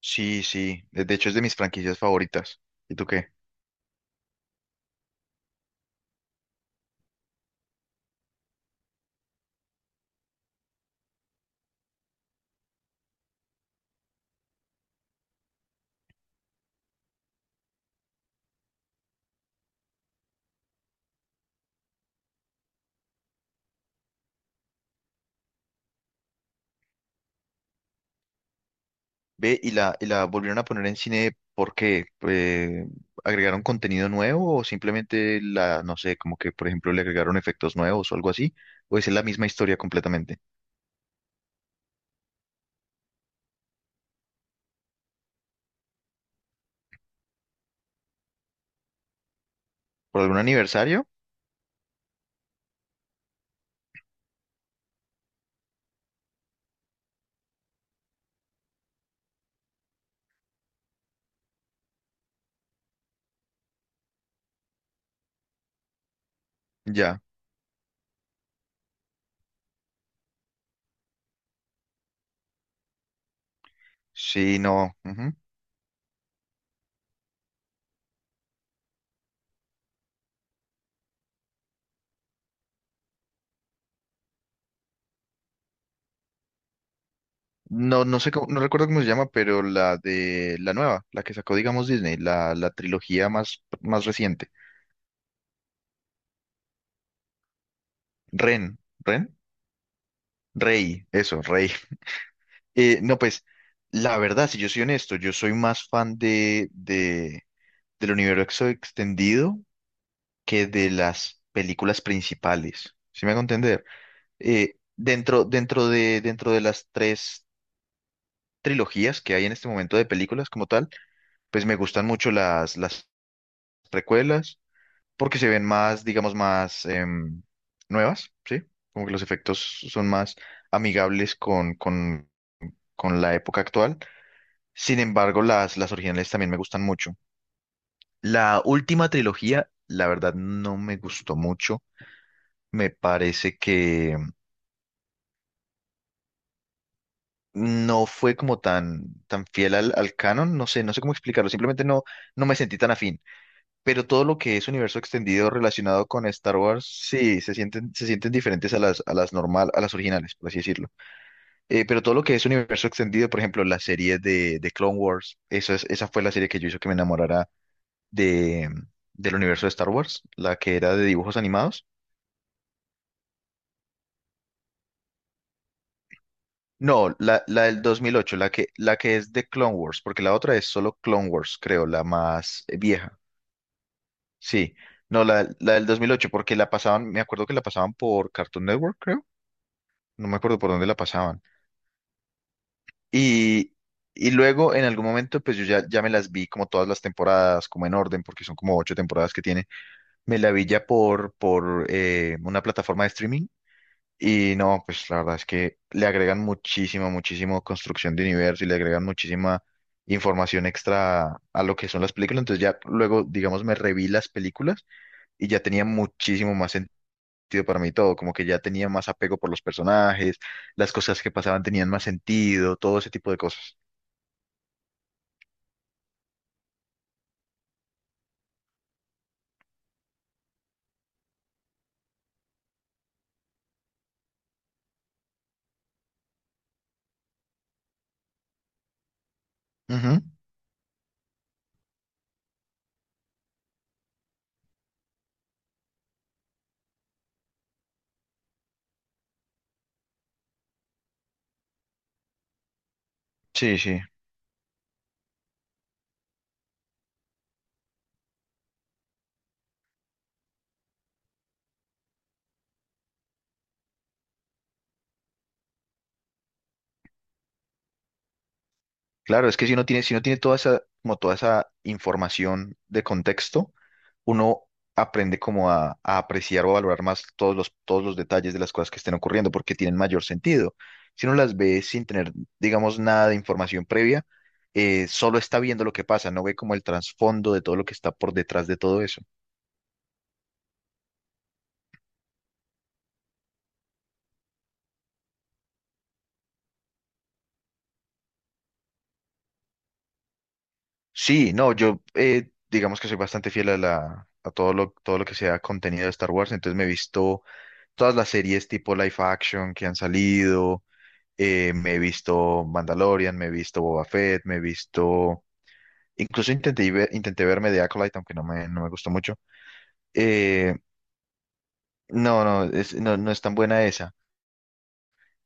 Sí, sí. De hecho, es de mis franquicias favoritas. ¿Y tú qué? Ve, y la volvieron a poner en cine, ¿por qué? ¿Agregaron contenido nuevo o simplemente la, no sé, como que, por ejemplo, le agregaron efectos nuevos o algo así? ¿O es la misma historia completamente? ¿Por algún aniversario? Ya. Sí, no. Ujú. No, no sé cómo, no recuerdo cómo se llama, pero la de la nueva, la que sacó, digamos, Disney, la trilogía más, más reciente. Ren, Ren, Rey, eso, Rey. No, pues la verdad, si yo soy honesto, yo soy más fan del universo extendido que de las películas principales. ¿Sí me hago entender? Dentro de las tres trilogías que hay en este momento de películas como tal, pues me gustan mucho las precuelas porque se ven más, digamos, más nuevas, ¿sí? Como que los efectos son más amigables con la época actual. Sin embargo, las originales también me gustan mucho. La última trilogía, la verdad, no me gustó mucho. Me parece que no fue como tan, tan fiel al canon. No sé, no sé cómo explicarlo. Simplemente no, no me sentí tan afín. Pero todo lo que es universo extendido relacionado con Star Wars, sí, se sienten diferentes a a las normal, a las originales, por así decirlo. Pero todo lo que es universo extendido, por ejemplo, la serie de Clone Wars, eso es, esa fue la serie que yo hizo que me enamorara de, del universo de Star Wars, la que era de dibujos animados. No, la del 2008 la que es de Clone Wars, porque la otra es solo Clone Wars, creo, la más vieja. Sí, no, la del 2008 porque la pasaban, me acuerdo que la pasaban por Cartoon Network, creo. No me acuerdo por dónde la pasaban. Y, y luego, en algún momento, pues yo ya, ya me las vi como todas las temporadas, como en orden, porque son como ocho temporadas que tiene. Me la vi ya por una plataforma de streaming. Y no, pues la verdad es que le agregan muchísima, muchísimo construcción de universo y le agregan muchísima información extra a lo que son las películas. Entonces ya luego, digamos, me reví las películas y ya tenía muchísimo más sentido para mí todo, como que ya tenía más apego por los personajes, las cosas que pasaban tenían más sentido, todo ese tipo de cosas. Ujú. Sí, sí. Claro, es que si uno tiene, si uno tiene toda esa, como toda esa información de contexto, uno aprende como a apreciar o a valorar más todos los detalles de las cosas que estén ocurriendo porque tienen mayor sentido. Si uno las ve sin tener, digamos, nada de información previa, solo está viendo lo que pasa, no ve como el trasfondo de todo lo que está por detrás de todo eso. Sí, no, yo digamos que soy bastante fiel a la... a todo lo que sea contenido de Star Wars, entonces me he visto todas las series tipo live action que han salido. Me he visto Mandalorian, me he visto Boba Fett, me he visto... Incluso intenté, intenté verme de Acolyte, aunque no me, no me gustó mucho. Eh, no, no, es, no, no es tan buena esa.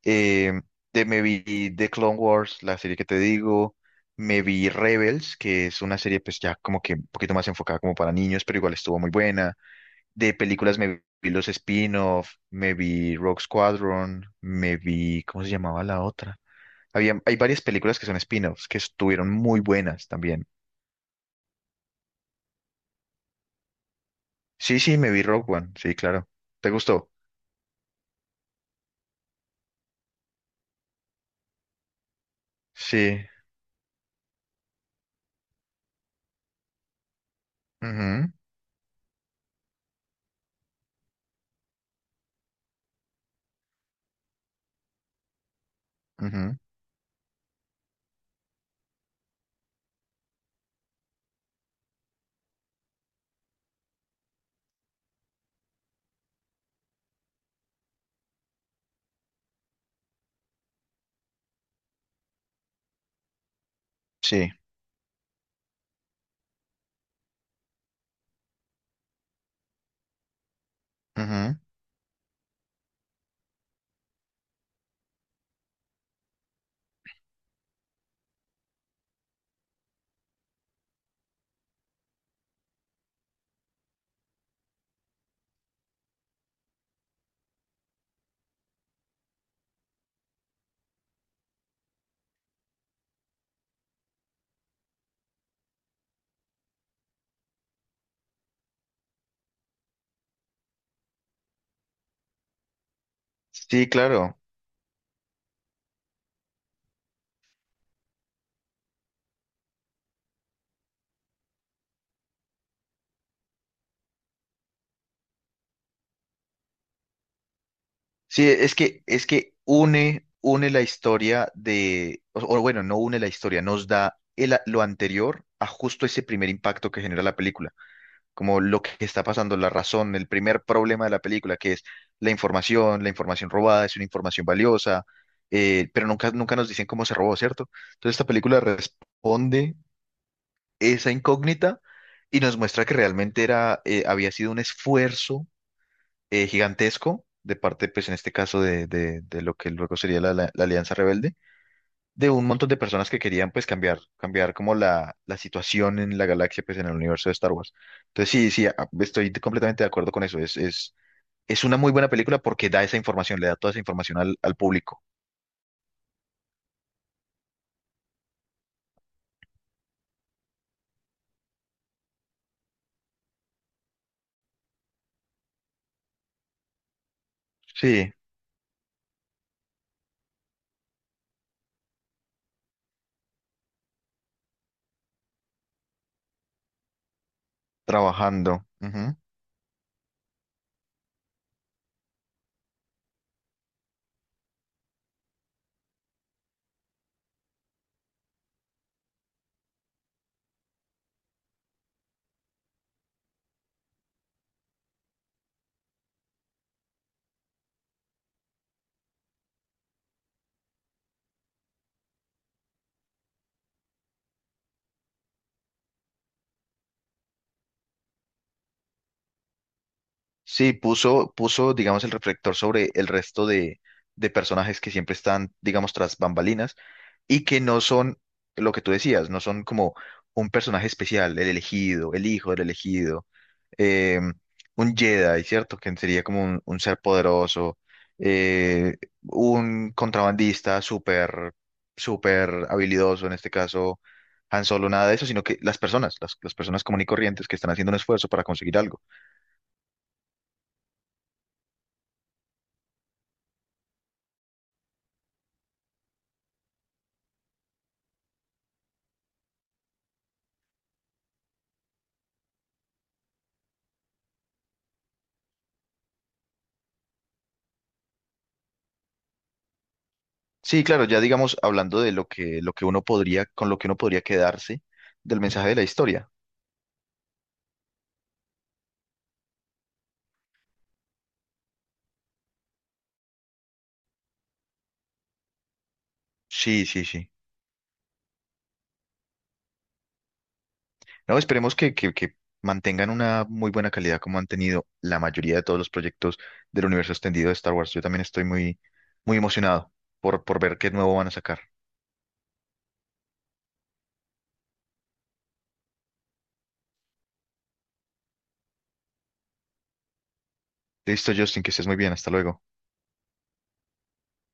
Eh, Me vi The Clone Wars, la serie que te digo. Me vi Rebels, que es una serie pues ya como que un poquito más enfocada como para niños, pero igual estuvo muy buena. De películas me vi los spin-off, me vi Rogue Squadron, me vi... ¿Cómo se llamaba la otra? Había, hay varias películas que son spin-offs que estuvieron muy buenas también. Sí, sí, me vi Rogue One. Sí, claro. ¿Te gustó? Sí. Ujú, ujú, sí. Ujú. Sí, claro. Sí, es que une, une la historia de, o bueno, no une la historia, nos da lo anterior a justo ese primer impacto que genera la película. Como lo que está pasando, la razón, el primer problema de la película, que es la información robada, es una información valiosa, pero nunca, nunca nos dicen cómo se robó, ¿cierto? Entonces esta película responde esa incógnita y nos muestra que realmente era, había sido un esfuerzo gigantesco de parte, pues en este caso, de, de lo que luego sería la Alianza Rebelde de un montón de personas que querían pues cambiar, cambiar como la situación en la galaxia, pues en el universo de Star Wars. Entonces sí, sí, estoy completamente de acuerdo con eso. Es una muy buena película porque da esa información, le da toda esa información al público. Sí, trabajando. Ujú. Sí, puso, puso, digamos, el reflector sobre el resto de personajes que siempre están, digamos, tras bambalinas y que no son lo que tú decías, no son como un personaje especial, el elegido, el hijo del elegido, eh, un Jedi, ¿cierto? Que sería como un ser poderoso, eh, un contrabandista súper, súper habilidoso, en este caso Han Solo, nada de eso, sino que las personas común y corrientes que están haciendo un esfuerzo para conseguir algo. Sí, claro, ya digamos, hablando de lo que uno podría, con lo que uno podría quedarse del mensaje de la historia. Sí, sí, sí. No, esperemos que mantengan una muy buena calidad como han tenido la mayoría de todos los proyectos del universo extendido de Star Wars. Yo también estoy muy, muy emocionado por ver qué nuevo van a sacar. Listo, Justin, que estés muy bien. Hasta luego.